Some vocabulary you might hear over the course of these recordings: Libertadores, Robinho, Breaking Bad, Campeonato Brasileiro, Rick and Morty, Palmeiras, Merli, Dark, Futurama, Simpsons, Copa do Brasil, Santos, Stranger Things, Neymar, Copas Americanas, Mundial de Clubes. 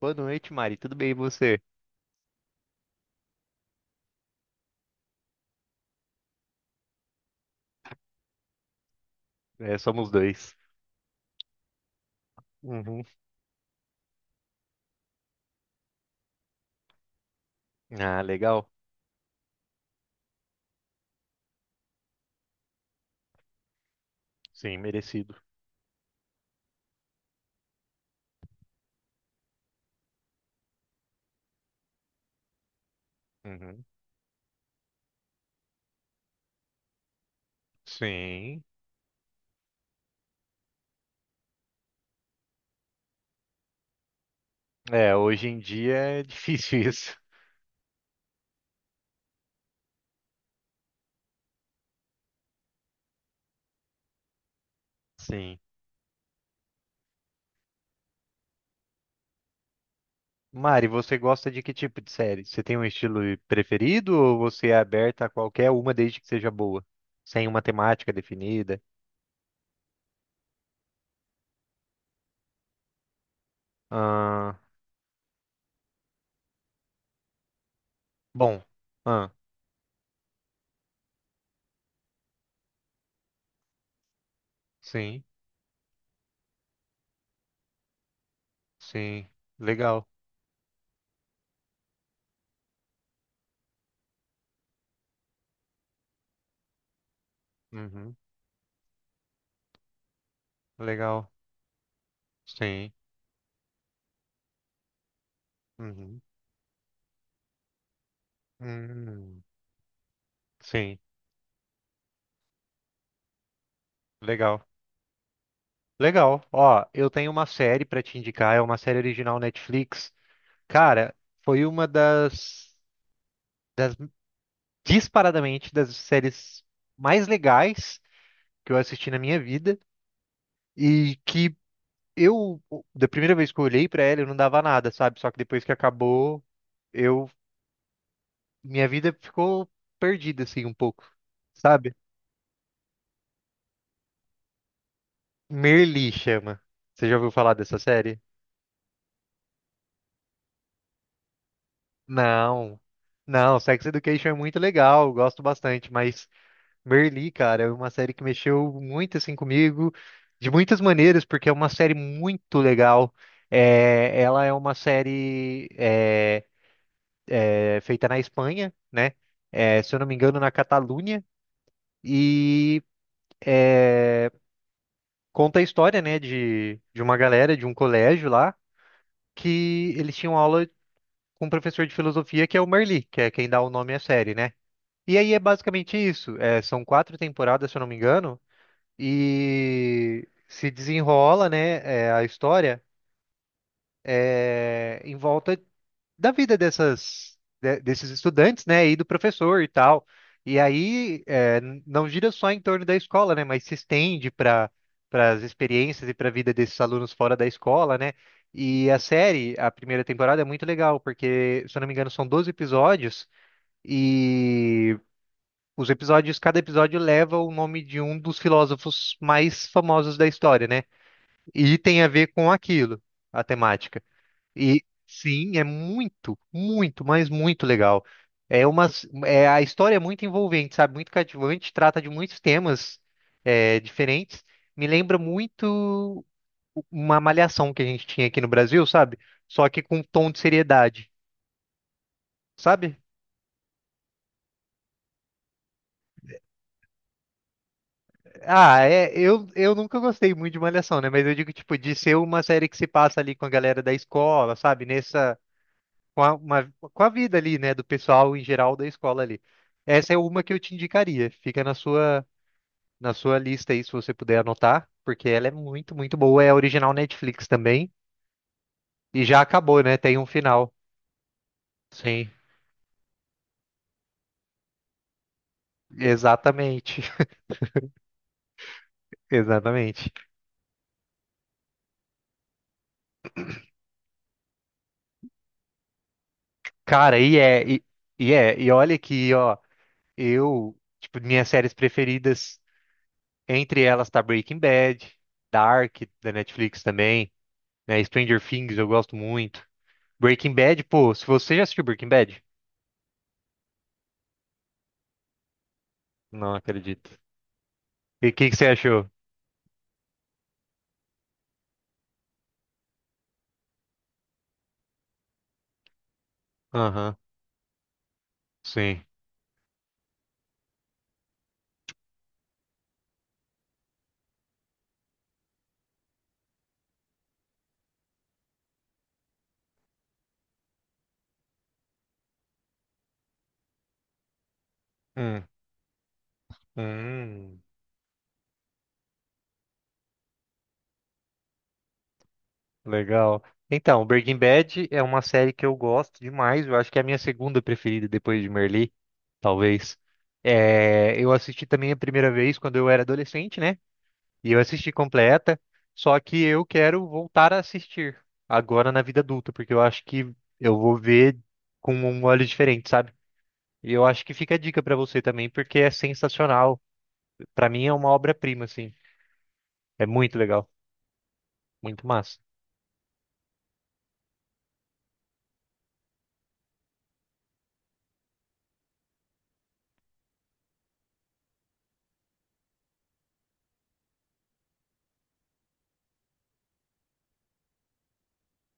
Boa noite, Mari. Tudo bem e você? É, somos dois. Uhum. Ah, legal. Sim, merecido. Uhum. Sim. É, hoje em dia é difícil isso. Sim. Mari, você gosta de que tipo de série? Você tem um estilo preferido ou você é aberta a qualquer uma desde que seja boa? Sem uma temática definida? Ah, bom. Ah, sim, sim. Legal. Uhum. Legal. Sim. Uhum. Hum, sim. Legal. Legal. Ó, eu tenho uma série pra te indicar, é uma série original Netflix. Cara, foi uma das disparadamente das séries mais legais que eu assisti na minha vida e que eu da primeira vez que eu olhei pra ela, eu não dava nada, sabe? Só que depois que acabou, eu minha vida ficou perdida assim um pouco, sabe? Merli chama. Você já ouviu falar dessa série? Não. Não, Sex Education é muito legal, eu gosto bastante, mas Merli, cara, é uma série que mexeu muito assim comigo, de muitas maneiras, porque é uma série muito legal. Ela é uma série feita na Espanha, né? É, se eu não me engano, na Catalunha, e conta a história, né, de uma galera de um colégio lá que eles tinham aula com um professor de filosofia que é o Merli, que é quem dá o nome à série, né? E aí é basicamente isso. É, são quatro temporadas, se eu não me engano. E se desenrola, né, é, a história é, em volta da vida desses estudantes, né, e do professor e tal. E aí é, não gira só em torno da escola, né, mas se estende para as experiências e para a vida desses alunos fora da escola, né? E a série, a primeira temporada é muito legal porque, se eu não me engano, são 12 episódios e os episódios, cada episódio leva o nome de um dos filósofos mais famosos da história, né? E tem a ver com aquilo, a temática. E sim, é muito, muito, mas muito legal. É uma, é, a história é muito envolvente, sabe? Muito cativante, trata de muitos temas é, diferentes. Me lembra muito uma malhação que a gente tinha aqui no Brasil, sabe? Só que com um tom de seriedade, sabe? Ah, é, eu nunca gostei muito de malhação, né? Mas eu digo, tipo, de ser uma série que se passa ali com a galera da escola, sabe? Nessa com a vida ali, né, do pessoal em geral da escola ali. Essa é uma que eu te indicaria. Fica na sua lista aí se você puder anotar, porque ela é muito, muito boa, é original Netflix também e já acabou, né? Tem um final. Sim, exatamente. Exatamente. Cara, e olha que, ó, eu, tipo, minhas séries preferidas, entre elas tá Breaking Bad, Dark da Netflix também, né? Stranger Things eu gosto muito. Breaking Bad, pô, se você já assistiu Breaking Bad? Não acredito. E o que que você achou? Aham, sim. Hum, hum, legal. Então, Breaking Bad é uma série que eu gosto demais. Eu acho que é a minha segunda preferida depois de Merli, talvez. É, eu assisti também a primeira vez quando eu era adolescente, né? E eu assisti completa. Só que eu quero voltar a assistir agora na vida adulta, porque eu acho que eu vou ver com um olho diferente, sabe? E eu acho que fica a dica pra você também, porque é sensacional. Pra mim é uma obra-prima, assim. É muito legal, muito massa.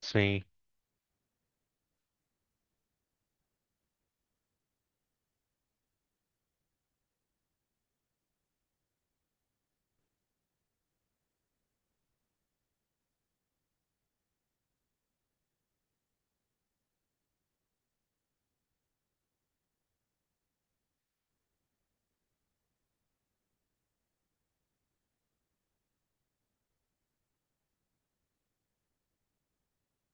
Sim.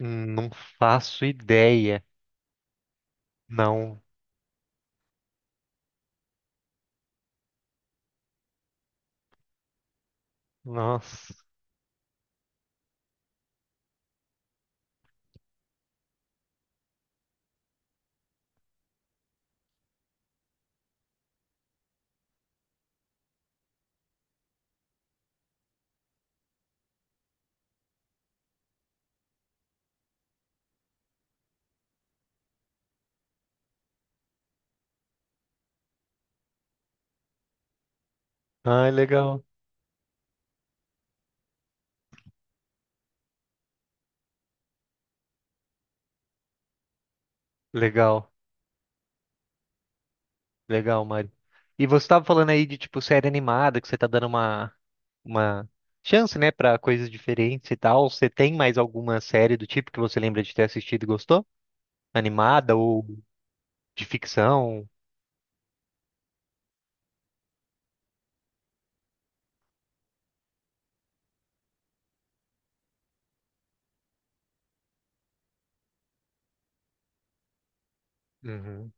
Não faço ideia. Não. Nossa. Ai, legal. Legal. Legal, Mari. E você estava falando aí de tipo série animada, que você tá dando uma uma chance, né, pra coisas diferentes e tal. Você tem mais alguma série do tipo que você lembra de ter assistido e gostou? Animada ou de ficção? Uhum.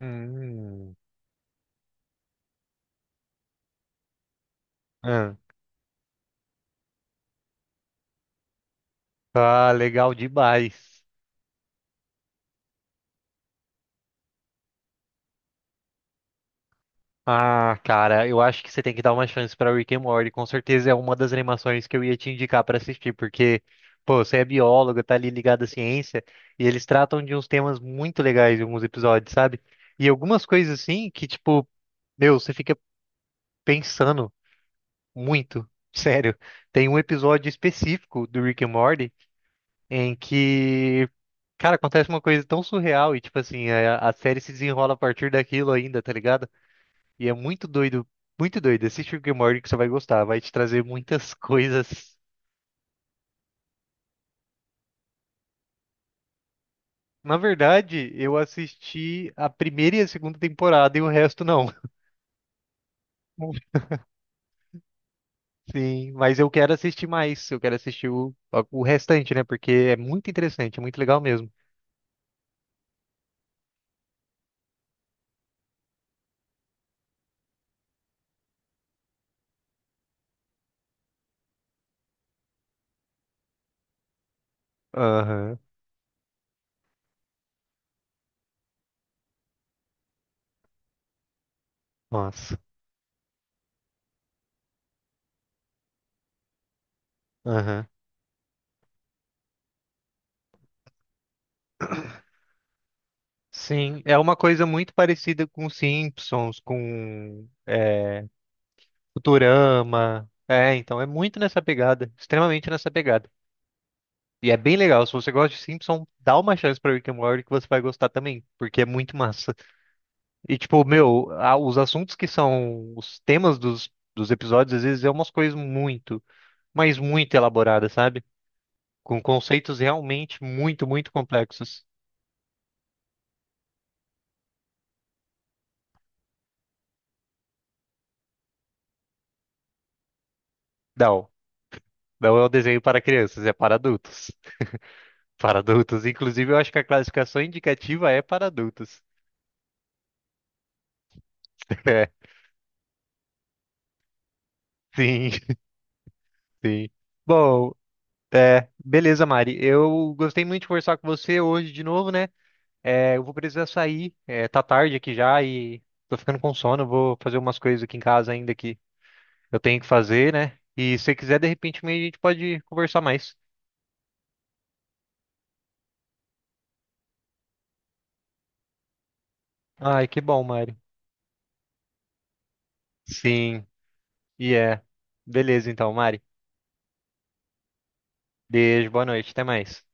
Hum. Ah, legal demais. Ah, cara, eu acho que você tem que dar uma chance pra Rick and Morty. Com certeza é uma das animações que eu ia te indicar pra assistir, porque, pô, você é bióloga, tá ali ligado à ciência, e eles tratam de uns temas muito legais em alguns episódios, sabe? E algumas coisas assim que, tipo, meu, você fica pensando muito. Sério, tem um episódio específico do Rick and Morty em que, cara, acontece uma coisa tão surreal e, tipo assim, a série se desenrola a partir daquilo ainda, tá ligado? E é muito doido, muito doido. Assiste o Rick and Morty que você vai gostar, vai te trazer muitas coisas. Na verdade, eu assisti a primeira e a segunda temporada e o resto não. Sim, mas eu quero assistir mais. Eu quero o restante, né? Porque é muito interessante, é muito legal mesmo. Aham, nossa. Aham. Sim, é uma coisa muito parecida com Simpsons, Futurama. É, então é muito nessa pegada, extremamente nessa pegada. E é bem legal. Se você gosta de Simpson, dá uma chance pra Rick and Morty que você vai gostar também, porque é muito massa. E tipo, meu, os assuntos que são os temas dos episódios, às vezes é umas coisas muito, mas muito elaboradas, sabe? Com conceitos realmente muito, muito complexos. Não, não é um desenho para crianças, é para adultos. Para adultos. Inclusive, eu acho que a classificação indicativa é para adultos. É, sim, sim. Bom, beleza, Mari. Eu gostei muito de conversar com você hoje de novo, né? É, eu vou precisar sair. É, tá tarde aqui já e tô ficando com sono. Eu Vou fazer umas coisas aqui em casa ainda que eu tenho que fazer, né? E se você quiser, de repente, meio a gente pode conversar mais. Ai, que bom, Mari. Sim, e é. Beleza, então, Mari. Beijo, boa noite, até mais.